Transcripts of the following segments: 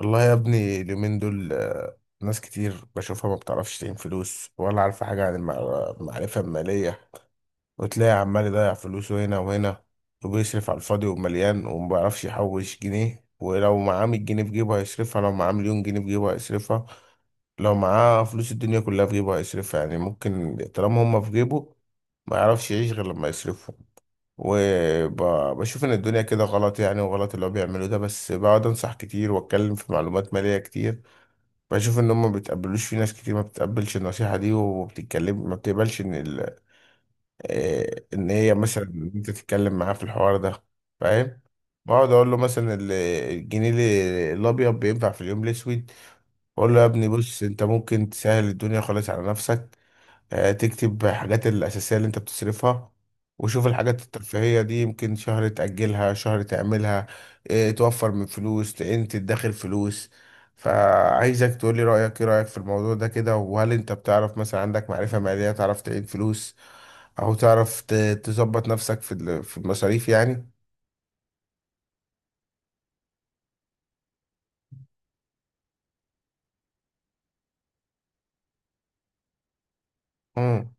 والله يا ابني اليومين دول ناس كتير بشوفها ما بتعرفش تعين فلوس ولا عارفة حاجة عن المعرفة المالية. وتلاقي عمال يضيع فلوسه هنا وهنا، وبيصرف على الفاضي ومليان وما بيعرفش يحوش جنيه. ولو معاه 100 جنيه في جيبه هيصرفها، لو معاه مليون جنيه في جيبه هيصرفها، لو معاه فلوس الدنيا كلها في جيبه هيصرفها. يعني ممكن طالما هما في جيبه ما يعرفش يعيش غير لما يصرفهم. وبشوف ان الدنيا كده غلط يعني، وغلط اللي هو بيعمله ده، بس بقعد انصح كتير واتكلم في معلومات مالية كتير. بشوف ان هم ما بيتقبلوش، في ناس كتير ما بتتقبلش النصيحه دي وبتتكلم ما بتقبلش ان ال... آه، ان هي مثلا، إن انت تتكلم معاه في الحوار ده. فاهم. بقعد اقول له مثلا الجنيه الابيض بينفع في اليوم الاسود. بقول له يا ابني بص انت ممكن تسهل الدنيا خالص على نفسك. تكتب حاجات الأساسية اللي أنت بتصرفها، وشوف الحاجات الترفيهية دي يمكن شهر تأجلها شهر تعملها. توفر من فلوس، تعين، تدخر فلوس. فعايزك تقولي رأيك، إيه رأيك في الموضوع ده كده؟ وهل أنت بتعرف مثلا، عندك معرفة مالية تعرف تعين فلوس أو تعرف تظبط نفسك في المصاريف يعني؟ مم.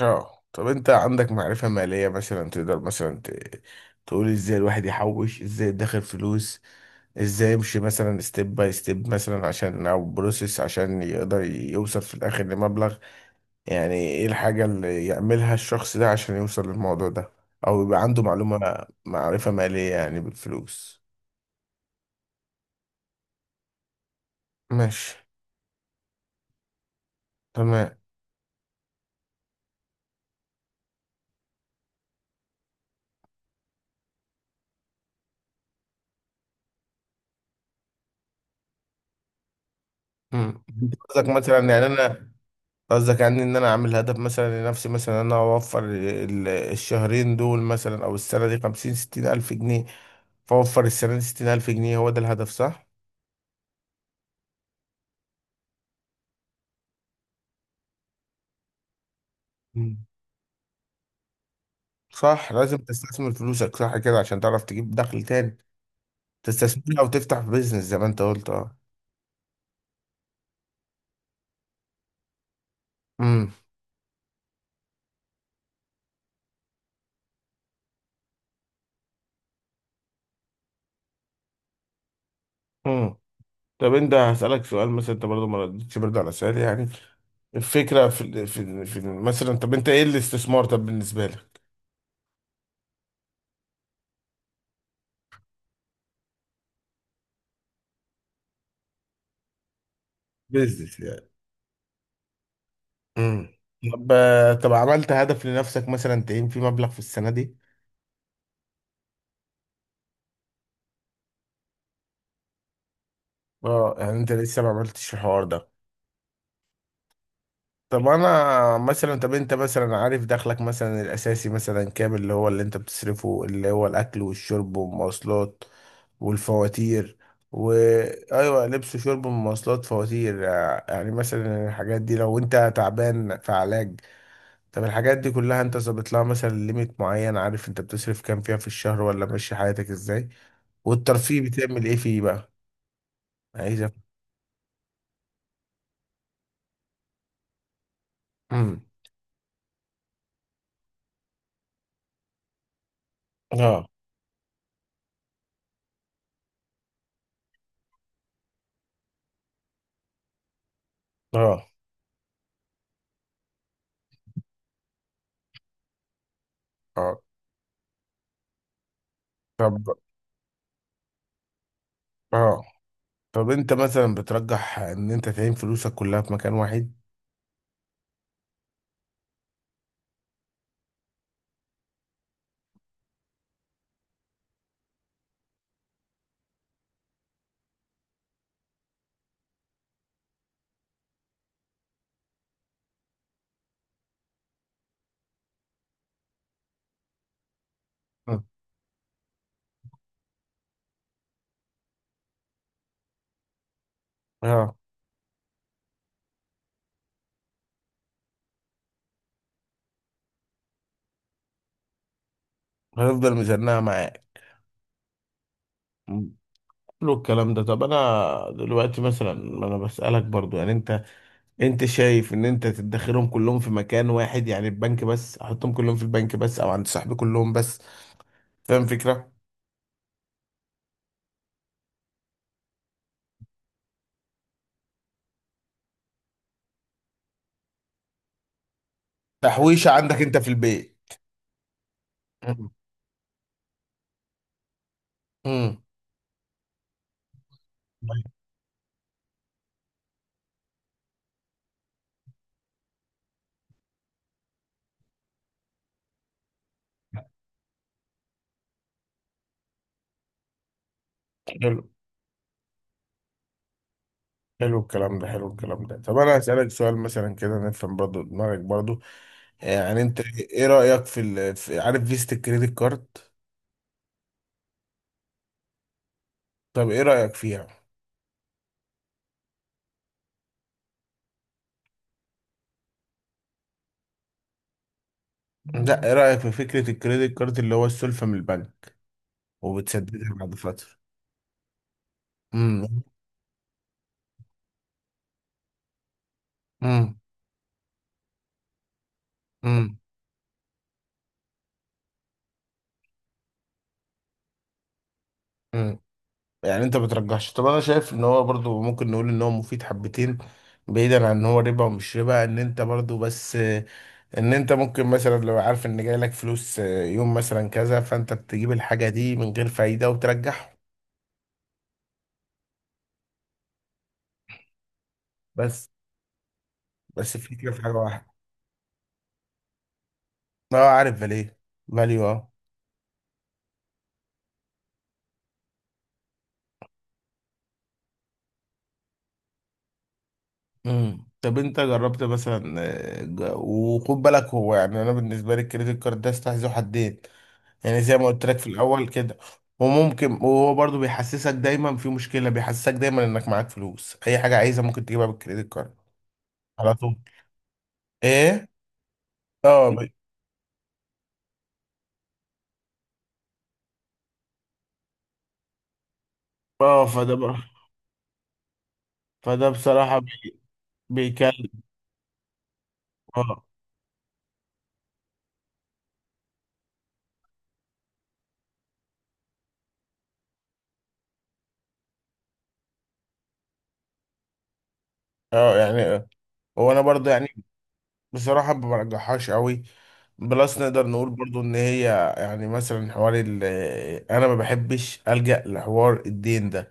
اه طب انت عندك معرفة مالية مثلا؟ تقدر مثلا تقول ازاي الواحد يحوش، ازاي يدخر فلوس، ازاي يمشي مثلا ستيب باي ستيب مثلا عشان او بروسيس عشان يقدر يوصل في الاخر لمبلغ. يعني ايه الحاجة اللي يعملها الشخص ده عشان يوصل للموضوع ده؟ او يبقى عنده معلومة معرفة مالية يعني بالفلوس. ماشي. تمام. مم. انت قصدك مثلا يعني انا؟ قصدك يعني ان انا اعمل هدف مثلا لنفسي، مثلا انا اوفر الشهرين دول مثلا، او السنه دي 50 60 ألف جنيه. فاوفر السنه دي 60 ألف جنيه، هو ده الهدف صح؟ مم. صح، لازم تستثمر فلوسك صح كده عشان تعرف تجيب دخل تاني. تستثمر او تفتح بيزنس زي ما انت قلت. اه. امم. امم. طب انت هسألك سؤال، مثلا انت برضه ما ردتش برضه على سؤالي يعني. الفكرة مثلا، طب انت ايه الاستثمار طب بالنسبة لك؟ بيزنس. امم. طب طب عملت هدف لنفسك مثلا تعين فيه مبلغ في السنة دي؟ اه يعني انت لسه ما عملتش الحوار ده. طب انا مثلا، طب انت مثلا عارف دخلك مثلا الاساسي مثلا كام؟ اللي هو اللي انت بتصرفه، اللي هو الاكل والشرب والمواصلات والفواتير و ايوه، لبس وشرب ومواصلات فواتير، يعني مثلا الحاجات دي لو انت تعبان في علاج. طب الحاجات دي كلها انت ظابط لها مثلا ليميت معين؟ عارف انت بتصرف كام فيها في الشهر؟ ولا ماشي حياتك ازاي؟ والترفيه بتعمل ايه فيه بقى؟ عايز أف- امم. اه. اه. اه. طب. اه. طب انت مثلا بترجح ان انت تعين فلوسك كلها في مكان واحد؟ مم. اه. هنفضل ميزانها معاك. كله الكلام ده، طب انا دلوقتي مثلا، ما انا بسألك برضو يعني. انت شايف ان انت تدخرهم كلهم في مكان واحد يعني البنك بس؟ احطهم كلهم في البنك بس، او عند صاحبي كلهم بس؟ فاهم فكرة. تحويشة عندك انت في البيت. امم. امم. حلو الكلام ده، حلو الكلام ده. طب انا هسألك سؤال مثلا كده نفهم برضو دماغك برضو. يعني انت ايه رأيك في، عارف، فيزة الكريدت كارد؟ طب ايه رأيك فيها؟ لا، ايه رأيك في فكرة الكريدت كارد اللي هو السلفة من البنك وبتسددها بعد فترة؟ امم. امم. امم. امم. يعني انت بترجحش. طب انا شايف ان هو برضو ممكن نقول ان هو مفيد حبتين، بعيدا عن ان هو ربا ومش ربا، ان انت برضو بس ان انت ممكن مثلا لو عارف ان جاي لك فلوس يوم مثلا كذا، فانت بتجيب الحاجة دي من غير فايدة وترجعه. بس، بس الفكرة في حاجة واحدة. اه عارف فاليه، فاليو. اه. امم. طب انت جربت مثلا؟ وخد بالك هو، يعني انا بالنسبة لي الكريدت كارد ده استحذو حدين يعني، زي ما قلت لك في الاول كده. وممكن، وهو برضو بيحسسك دايما في مشكله، بيحسسك دايما انك معاك فلوس، اي حاجه عايزها ممكن تجيبها بالكريدت كارد على طول. ايه. اه. اه فده بقى. فده بصراحه بيكلم. اه. اه يعني وانا برضو يعني بصراحه ما برجحهاش قوي. بلس نقدر نقول برضو ان هي، يعني مثلا حوار انا ما بحبش الجا لحوار الدين ده.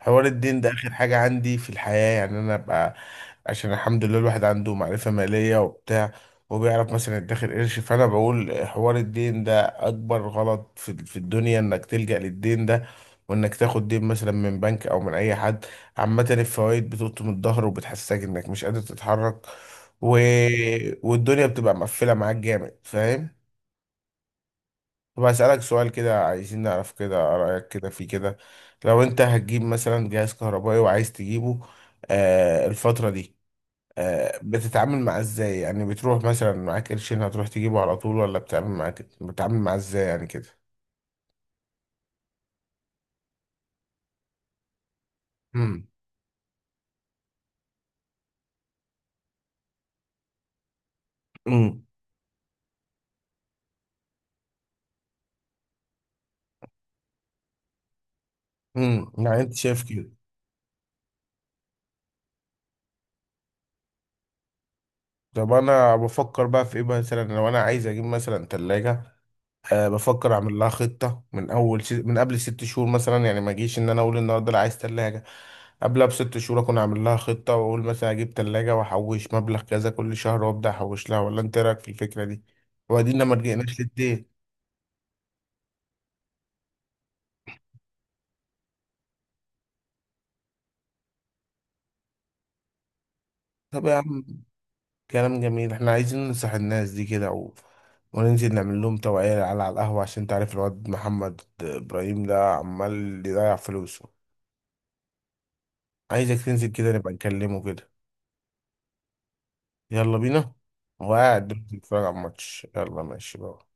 حوار الدين ده اخر حاجة عندي في الحياة، يعني انا ابقى عشان الحمد لله الواحد عنده معرفة مالية وبتاع، وبيعرف مثلا يدخر قرش. فانا بقول حوار الدين ده اكبر غلط في الدنيا، انك تلجأ للدين ده، وانك تاخد دين مثلا من بنك او من اي حد. عامة الفوائد بتقطم الظهر وبتحسسك انك مش قادر تتحرك و... والدنيا بتبقى مقفلة معاك جامد. فاهم. طب هسألك سؤال كده، عايزين نعرف كده رأيك كده في كده، لو انت هتجيب مثلا جهاز كهربائي وعايز تجيبه الفترة دي، بتتعامل معاه ازاي يعني؟ بتروح مثلا معاك قرشين هتروح تجيبه على طول؟ ولا بتتعامل معاه ازاي يعني كده؟ امم. امم. امم. يعني انت شايف كده. طب انا بفكر بقى في ايه مثلا لو انا عايز اجيب مثلا تلاجة؟ أه بفكر اعمل لها خطه من اول من قبل 6 شهور مثلا. يعني ما اجيش ان انا اقول النهارده لا عايز ثلاجه، قبلها ب6 شهور اكون اعمل لها خطه، واقول مثلا اجيب ثلاجه واحوش مبلغ كذا كل شهر، وابدا احوش لها. ولا انت إيه رايك في الفكره دي، وبعدين لما رجعناش للدين؟ طب يا عم، كلام جميل. احنا عايزين ننصح الناس دي كده وننزل نعمل لهم توعية على القهوة عشان تعرف الواد محمد إبراهيم ده عمال يضيع فلوسه. عايزك تنزل كده نبقى نكلمه كده. يلا بينا. هو قاعد دلوقتي بيتفرج على الماتش. يلا ماشي بقى.